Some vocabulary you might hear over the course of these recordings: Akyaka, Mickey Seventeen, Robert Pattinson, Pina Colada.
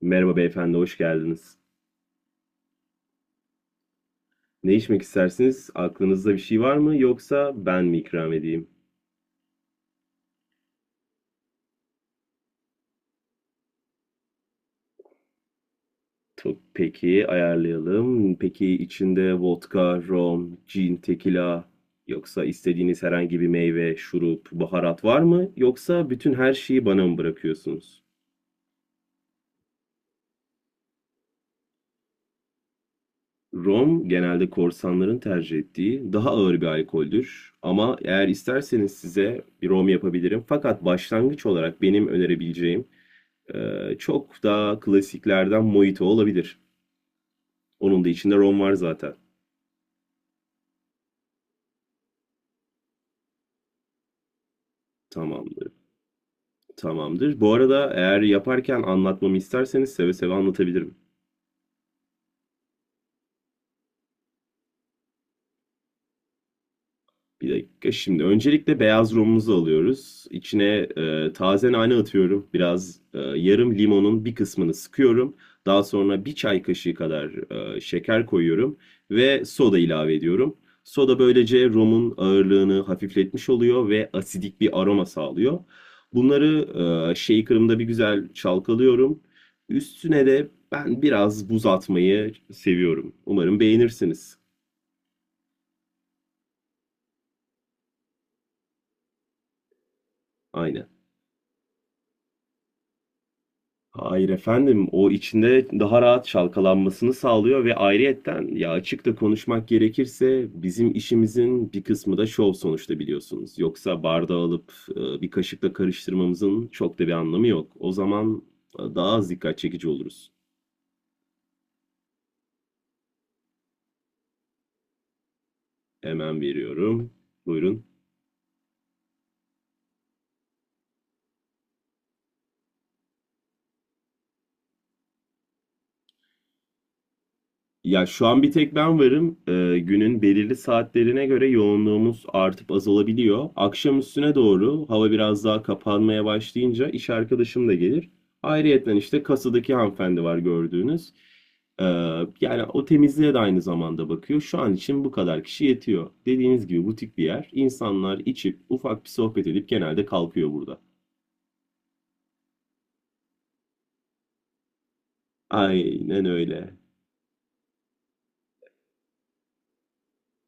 Merhaba beyefendi, hoş geldiniz. Ne içmek istersiniz? Aklınızda bir şey var mı yoksa ben mi ikram edeyim? Peki ayarlayalım. Peki içinde vodka, rom, gin, tekila yoksa istediğiniz herhangi bir meyve, şurup, baharat var mı? Yoksa bütün her şeyi bana mı bırakıyorsunuz? Rom genelde korsanların tercih ettiği daha ağır bir alkoldür. Ama eğer isterseniz size bir rom yapabilirim. Fakat başlangıç olarak benim önerebileceğim çok daha klasiklerden mojito olabilir. Onun da içinde rom var zaten. Tamamdır. Tamamdır. Bu arada eğer yaparken anlatmamı isterseniz seve seve anlatabilirim. Bir dakika şimdi. Öncelikle beyaz romumuzu alıyoruz. İçine taze nane atıyorum. Biraz yarım limonun bir kısmını sıkıyorum. Daha sonra bir çay kaşığı kadar şeker koyuyorum ve soda ilave ediyorum. Soda böylece romun ağırlığını hafifletmiş oluyor ve asidik bir aroma sağlıyor. Bunları shaker'ımda bir güzel çalkalıyorum. Üstüne de ben biraz buz atmayı seviyorum. Umarım beğenirsiniz. Aynen. Hayır efendim, o içinde daha rahat çalkalanmasını sağlıyor ve ayrıyetten ya açık da konuşmak gerekirse bizim işimizin bir kısmı da şov sonuçta biliyorsunuz. Yoksa bardağı alıp bir kaşıkla karıştırmamızın çok da bir anlamı yok. O zaman daha az dikkat çekici oluruz. Hemen veriyorum. Buyurun. Ya şu an bir tek ben varım. Günün belirli saatlerine göre yoğunluğumuz artıp azalabiliyor. Akşam üstüne doğru hava biraz daha kapanmaya başlayınca iş arkadaşım da gelir. Ayrıyeten işte kasadaki hanımefendi var gördüğünüz. Ee, Yani o temizliğe de aynı zamanda bakıyor. Şu an için bu kadar kişi yetiyor. Dediğiniz gibi butik bir yer. İnsanlar içip ufak bir sohbet edip genelde kalkıyor burada. Aynen öyle.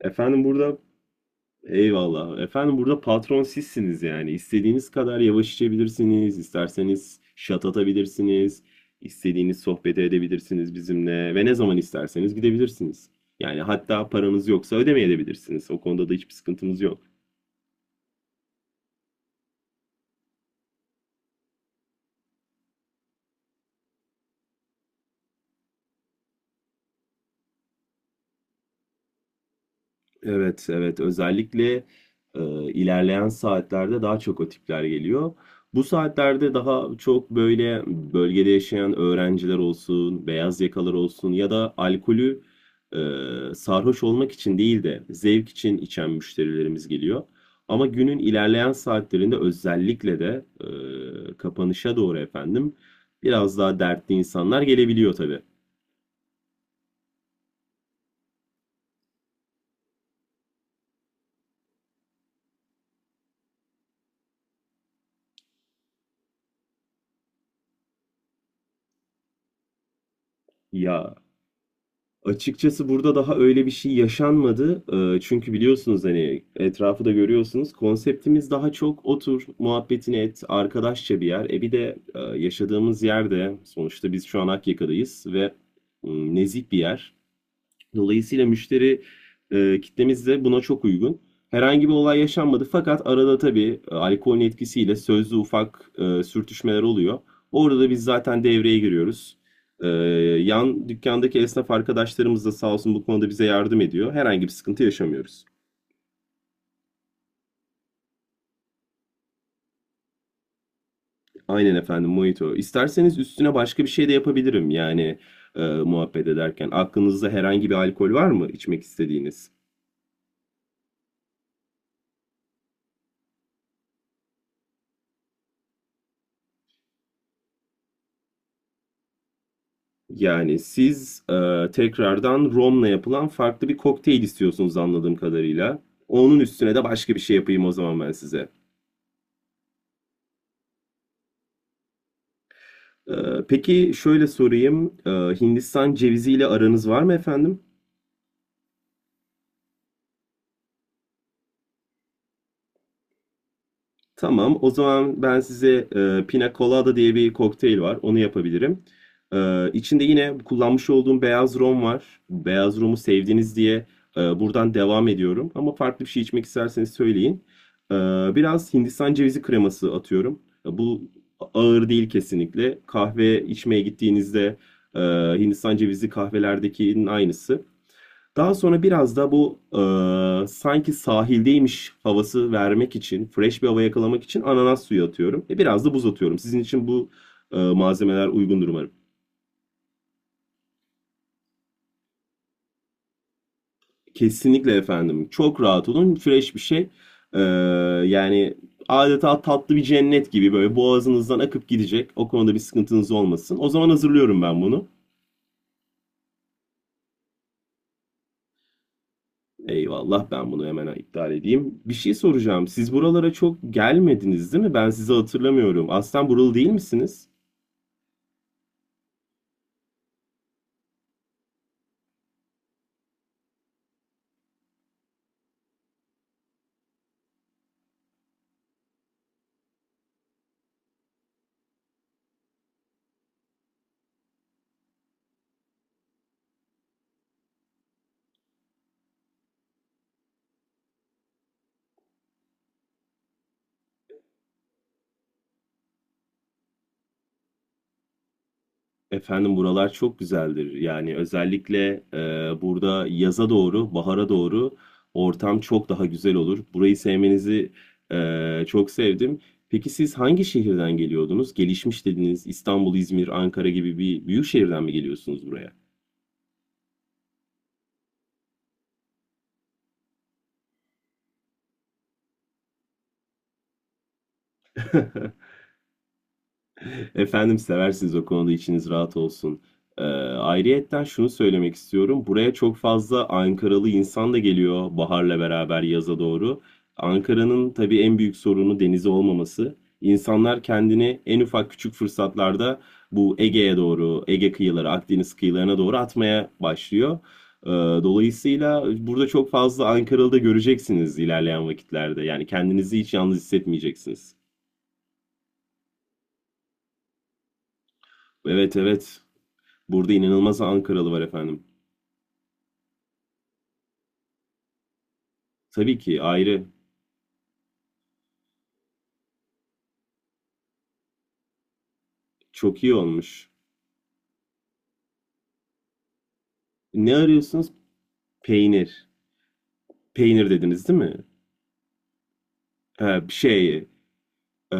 Efendim burada Eyvallah. Efendim burada patron sizsiniz yani. İstediğiniz kadar yavaş içebilirsiniz, isterseniz şat atabilirsiniz, istediğiniz sohbeti edebilirsiniz bizimle ve ne zaman isterseniz gidebilirsiniz. Yani hatta paranız yoksa ödemeyebilirsiniz. O konuda da hiçbir sıkıntımız yok. Evet, evet. Özellikle e, ilerleyen saatlerde daha çok o tipler geliyor. Bu saatlerde daha çok böyle bölgede yaşayan öğrenciler olsun, beyaz yakalar olsun ya da alkolü sarhoş olmak için değil de zevk için içen müşterilerimiz geliyor. Ama günün ilerleyen saatlerinde özellikle de kapanışa doğru efendim biraz daha dertli insanlar gelebiliyor tabii. Ya, açıkçası burada daha öyle bir şey yaşanmadı. Çünkü biliyorsunuz hani etrafı da görüyorsunuz. Konseptimiz daha çok otur, muhabbetini et, arkadaşça bir yer. Bir de yaşadığımız yerde sonuçta biz şu an Akyaka'dayız ve nezih bir yer. Dolayısıyla müşteri kitlemiz de buna çok uygun. Herhangi bir olay yaşanmadı fakat arada tabii alkolün etkisiyle sözlü ufak sürtüşmeler oluyor. Orada da biz zaten devreye giriyoruz. E, Yan dükkandaki esnaf arkadaşlarımız da sağ olsun bu konuda bize yardım ediyor. Herhangi bir sıkıntı yaşamıyoruz. Aynen efendim, mojito. İsterseniz üstüne başka bir şey de yapabilirim yani muhabbet ederken. Aklınızda herhangi bir alkol var mı içmek istediğiniz? Yani siz tekrardan romla yapılan farklı bir kokteyl istiyorsunuz anladığım kadarıyla. Onun üstüne de başka bir şey yapayım o zaman ben size. E, peki şöyle sorayım. Hindistan ceviziyle aranız var mı efendim? Tamam. O zaman ben size Pina Colada diye bir kokteyl var. Onu yapabilirim. İçinde yine kullanmış olduğum beyaz rom var. Beyaz romu sevdiniz diye buradan devam ediyorum. Ama farklı bir şey içmek isterseniz söyleyin. E, Biraz Hindistan cevizi kreması atıyorum. Bu ağır değil kesinlikle. Kahve içmeye gittiğinizde e, Hindistan cevizi kahvelerdekinin aynısı. Daha sonra biraz da bu sanki sahildeymiş havası vermek için, fresh bir hava yakalamak için ananas suyu atıyorum. Biraz da buz atıyorum. Sizin için bu malzemeler uygundur umarım. Kesinlikle efendim. Çok rahat olun. Fresh bir şey. E, Yani adeta tatlı bir cennet gibi böyle boğazınızdan akıp gidecek. O konuda bir sıkıntınız olmasın. O zaman hazırlıyorum ben bunu. Eyvallah, ben bunu hemen iptal edeyim. Bir şey soracağım. Siz buralara çok gelmediniz değil mi? Ben sizi hatırlamıyorum. Aslen buralı değil misiniz? Efendim, buralar çok güzeldir. Yani özellikle burada yaza doğru, bahara doğru ortam çok daha güzel olur. Burayı sevmenizi çok sevdim. Peki siz hangi şehirden geliyordunuz? Gelişmiş dediniz. İstanbul, İzmir, Ankara gibi bir büyük şehirden mi geliyorsunuz buraya? Efendim seversiniz, o konuda içiniz rahat olsun. Ee, Ayrıyetten şunu söylemek istiyorum. Buraya çok fazla Ankaralı insan da geliyor baharla beraber yaza doğru. Ankara'nın tabii en büyük sorunu denizi olmaması. İnsanlar kendini en ufak küçük fırsatlarda bu Ege'ye doğru, Ege kıyıları, Akdeniz kıyılarına doğru atmaya başlıyor. Ee, Dolayısıyla burada çok fazla Ankaralı da göreceksiniz ilerleyen vakitlerde. Yani kendinizi hiç yalnız hissetmeyeceksiniz. Evet evet. Burada inanılmaz Ankaralı var efendim. Tabii ki ayrı. Çok iyi olmuş. Ne arıyorsunuz? Peynir. Peynir dediniz değil mi? Ha, bir şey. ee,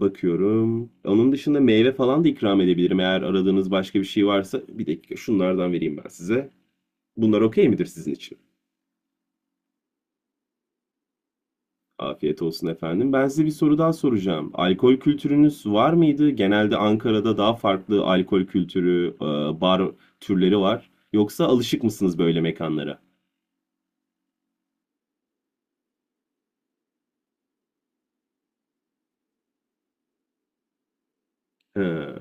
Bakıyorum. Onun dışında meyve falan da ikram edebilirim. Eğer aradığınız başka bir şey varsa bir dakika şunlardan vereyim ben size. Bunlar okey midir sizin için? Afiyet olsun efendim. Ben size bir soru daha soracağım. Alkol kültürünüz var mıydı? Genelde Ankara'da daha farklı alkol kültürü, bar türleri var. Yoksa alışık mısınız böyle mekanlara? He.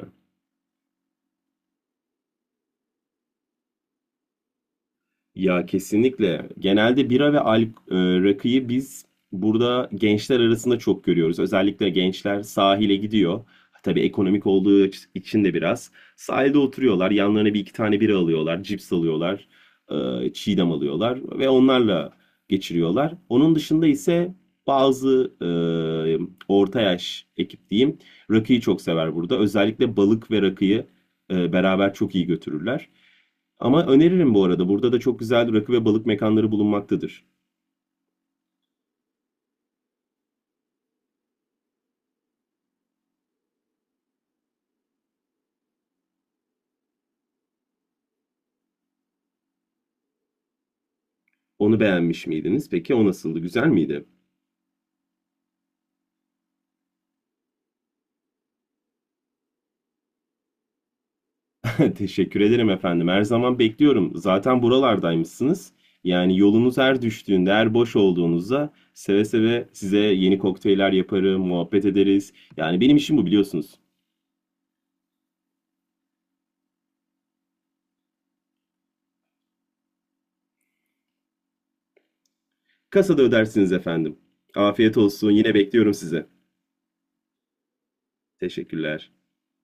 Ya kesinlikle. Genelde bira ve rakıyı biz burada gençler arasında çok görüyoruz. Özellikle gençler sahile gidiyor. Tabii ekonomik olduğu için de biraz. Sahilde oturuyorlar. Yanlarına bir iki tane bira alıyorlar. Cips alıyorlar. Çiğdem alıyorlar. Ve onlarla geçiriyorlar. Onun dışında ise bazı orta yaş ekip diyeyim. Rakıyı çok sever burada. Özellikle balık ve rakıyı beraber çok iyi götürürler. Ama öneririm bu arada. Burada da çok güzel rakı ve balık mekanları bulunmaktadır. Onu beğenmiş miydiniz? Peki o nasıldı? Güzel miydi? Teşekkür ederim efendim. Her zaman bekliyorum. Zaten buralardaymışsınız. Yani yolunuz her düştüğünde, her boş olduğunuzda seve seve size yeni kokteyller yaparım, muhabbet ederiz. Yani benim işim bu biliyorsunuz. Kasada ödersiniz efendim. Afiyet olsun. Yine bekliyorum size. Teşekkürler.